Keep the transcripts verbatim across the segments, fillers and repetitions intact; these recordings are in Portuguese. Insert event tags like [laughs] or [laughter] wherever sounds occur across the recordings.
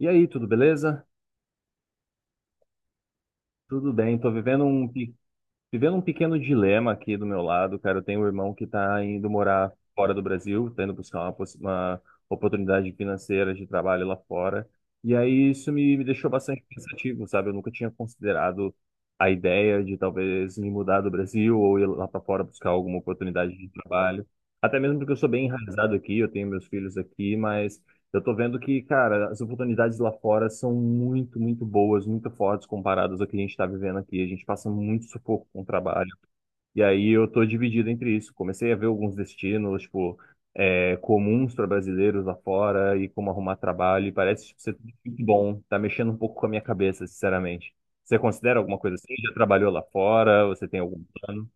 E aí, tudo beleza? Tudo bem, tô vivendo um, pe- vivendo um pequeno dilema aqui do meu lado, cara. Eu tenho um irmão que tá indo morar fora do Brasil, tá indo buscar uma, possi- uma oportunidade financeira de trabalho lá fora. E aí isso me, me deixou bastante pensativo, sabe? Eu nunca tinha considerado a ideia de talvez me mudar do Brasil ou ir lá para fora buscar alguma oportunidade de trabalho. Até mesmo porque eu sou bem enraizado aqui, eu tenho meus filhos aqui, mas eu tô vendo que, cara, as oportunidades lá fora são muito, muito boas, muito fortes comparadas ao que a gente tá vivendo aqui. A gente passa muito sufoco com o trabalho. E aí eu tô dividido entre isso. Comecei a ver alguns destinos, tipo, é, comuns para brasileiros lá fora e como arrumar trabalho. E parece tipo, ser tudo muito bom. Tá mexendo um pouco com a minha cabeça, sinceramente. Você considera alguma coisa assim? Já trabalhou lá fora? Você tem algum plano?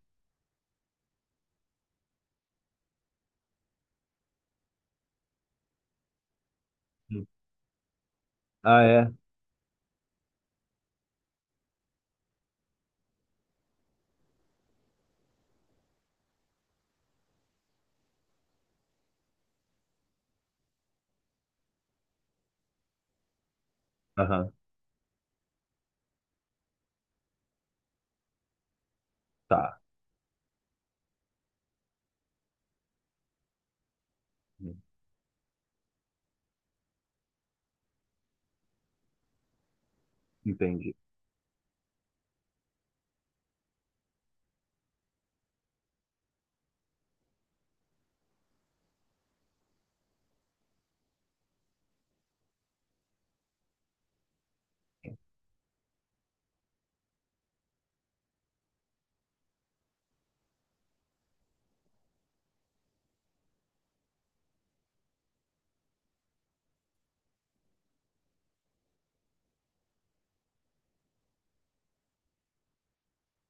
Hum. Ah, é? Aham. Tá. Entendi.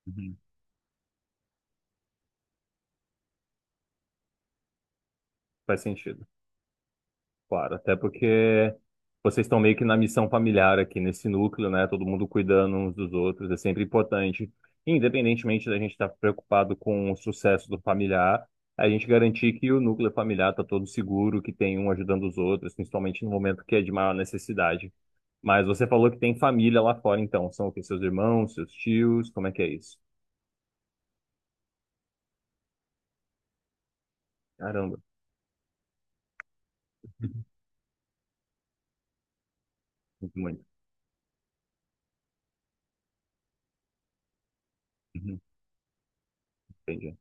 Uhum. Faz sentido. Claro, até porque vocês estão meio que na missão familiar aqui nesse núcleo, né? Todo mundo cuidando uns dos outros, é sempre importante. Independentemente da gente estar preocupado com o sucesso do familiar, a gente garantir que o núcleo familiar está todo seguro, que tem um ajudando os outros, principalmente no momento que é de maior necessidade. Mas você falou que tem família lá fora, então. São o quê? Seus irmãos, seus tios? Como é que é isso? Caramba. Uhum. Muito, muito. Uhum. Entendi.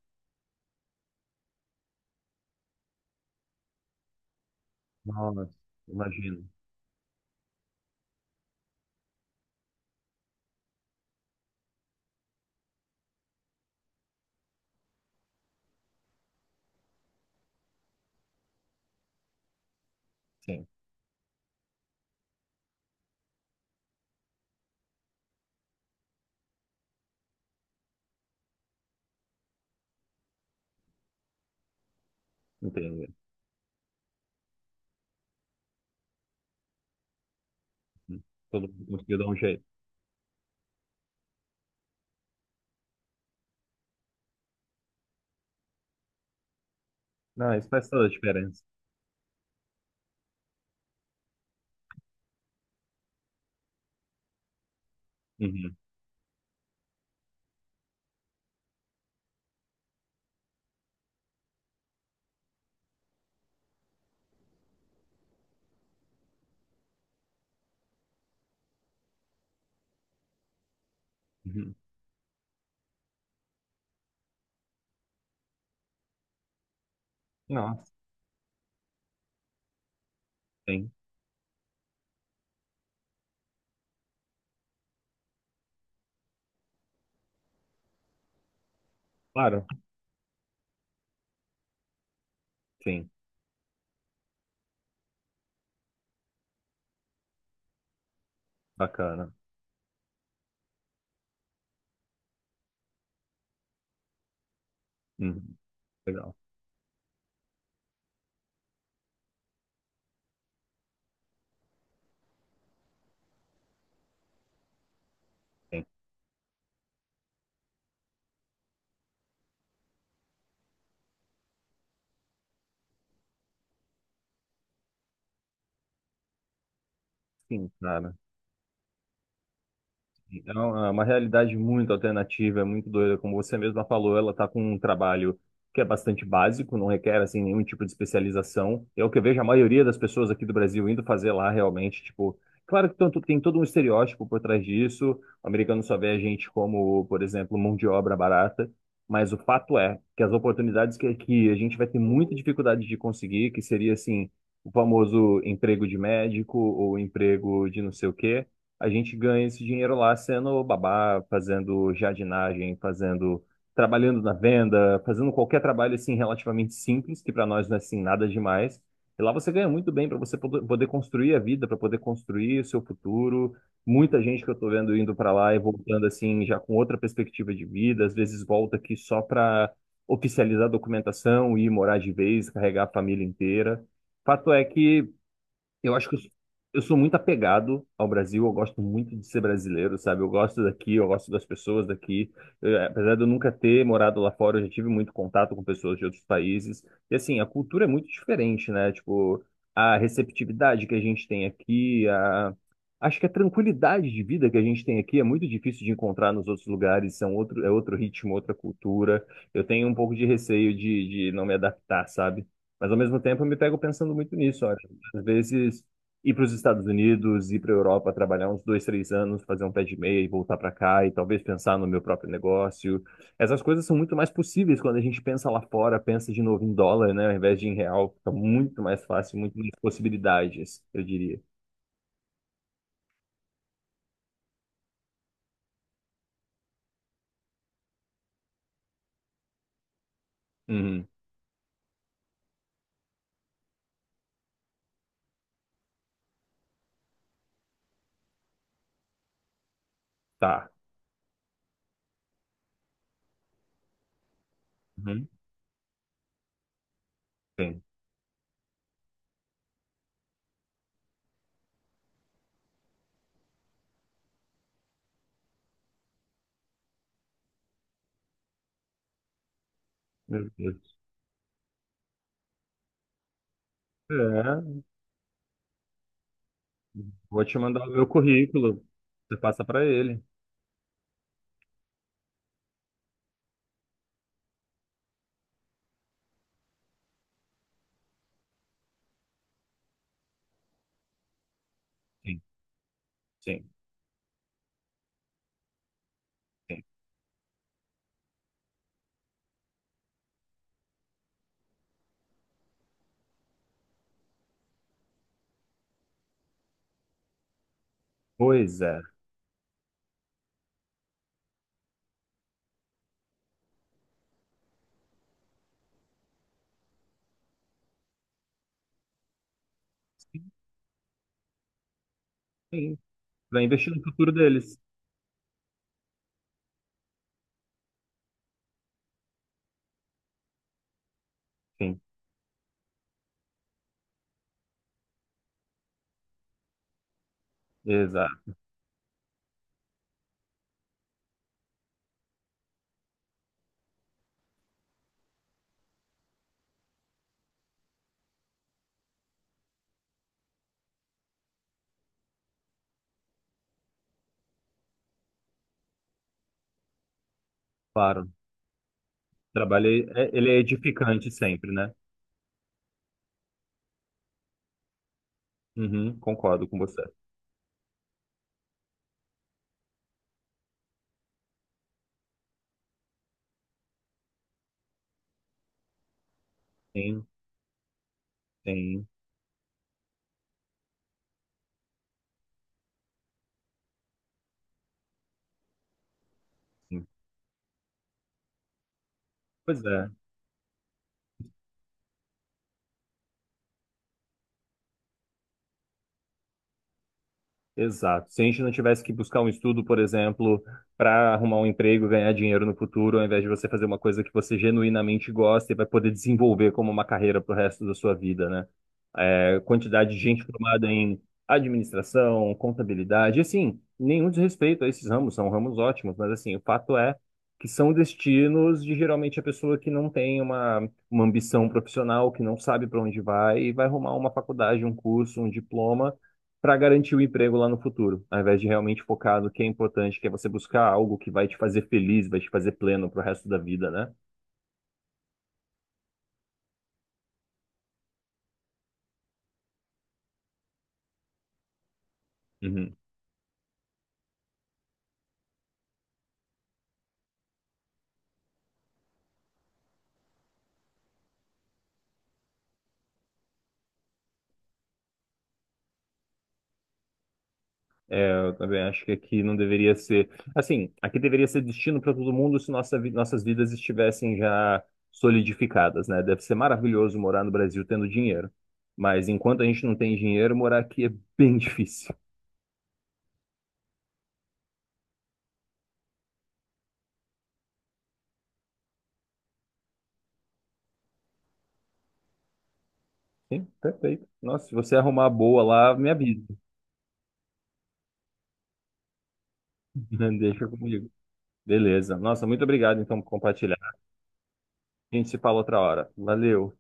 Nossa, imagino. Sim, entendi. Todo mundo conseguiu dar um jeito. Não, isso faz toda a diferença. Uhum, uhum. Nossa, sim. Claro, sim. Bacana. Uhum, legal. Sim, sim, cara. Então, é uma realidade muito alternativa, é muito doida, como você mesma falou, ela está com um trabalho que é bastante básico, não requer assim nenhum tipo de especialização. É o que eu vejo a maioria das pessoas aqui do Brasil indo fazer lá realmente, tipo, claro que tanto- tem todo um estereótipo por trás disso. O americano só vê a gente como, por exemplo, mão de obra barata, mas o fato é que as oportunidades que aqui a gente vai ter muita dificuldade de conseguir, que seria assim, o famoso emprego de médico ou emprego de não sei o quê, a gente ganha esse dinheiro lá sendo babá, fazendo jardinagem, fazendo, trabalhando na venda, fazendo qualquer trabalho assim relativamente simples, que para nós não é assim nada demais. E lá você ganha muito bem para você poder poder construir a vida, para poder construir o seu futuro. Muita gente que eu estou vendo indo para lá e voltando assim já com outra perspectiva de vida, às vezes volta aqui só para oficializar a documentação e ir morar de vez, carregar a família inteira. Fato é que eu acho que eu sou eu sou muito apegado ao Brasil, eu gosto muito de ser brasileiro, sabe? Eu gosto daqui, eu gosto das pessoas daqui. Eh, apesar de eu nunca ter morado lá fora, eu já tive muito contato com pessoas de outros países. E assim, a cultura é muito diferente, né? Tipo, a receptividade que a gente tem aqui, a acho que a tranquilidade de vida que a gente tem aqui é muito difícil de encontrar nos outros lugares, são outro, é outro ritmo, outra cultura. Eu tenho um pouco de receio de, de não me adaptar, sabe? Mas ao mesmo tempo eu me pego pensando muito nisso. Ó. Às vezes, ir para os Estados Unidos, ir para a Europa, trabalhar uns dois, três anos, fazer um pé de meia e voltar para cá, e talvez pensar no meu próprio negócio. Essas coisas são muito mais possíveis quando a gente pensa lá fora, pensa de novo em dólar, né, ao invés de em real. Fica muito mais fácil, muito mais possibilidades, eu diria. Uhum, tá. Uhum, bem. Meu Deus. É, vou te mandar o meu currículo. Você passa para ele. Sim, sim, sim. Pois é. Sim, sim. Vai investir no futuro deles. Sim, exato. Claro. Trabalho, é- é, ele é edificante sempre, né? Uhum, concordo com você. Sim, sim, sim. Pois é, exato. Se a gente não tivesse que buscar um estudo, por exemplo, para arrumar um emprego, ganhar dinheiro no futuro, ao invés de você fazer uma coisa que você genuinamente gosta e vai poder desenvolver como uma carreira pro resto da sua vida, né? Quantidade de gente formada em administração, contabilidade, assim, nenhum desrespeito a esses ramos, são ramos ótimos, mas assim, o fato é que são destinos de geralmente a pessoa que não tem uma, uma ambição profissional, que não sabe para onde vai e vai arrumar uma faculdade, um curso, um diploma para garantir o emprego lá no futuro, ao invés de realmente focar no que é importante, que é você buscar algo que vai te fazer feliz, vai te fazer pleno para o resto da vida, né? Uhum. Eu também acho que aqui não deveria ser. Assim, aqui deveria ser destino para todo mundo se nossa vi- nossas vidas estivessem já solidificadas, né? Deve ser maravilhoso morar no Brasil tendo dinheiro. Mas enquanto a gente não tem dinheiro, morar aqui é bem [laughs] difícil. Sim, perfeito. Nossa, se você arrumar boa lá, me avisa. [laughs] Deixa comigo. Beleza. Nossa, muito obrigado então por compartilhar. A gente se fala outra hora. Valeu.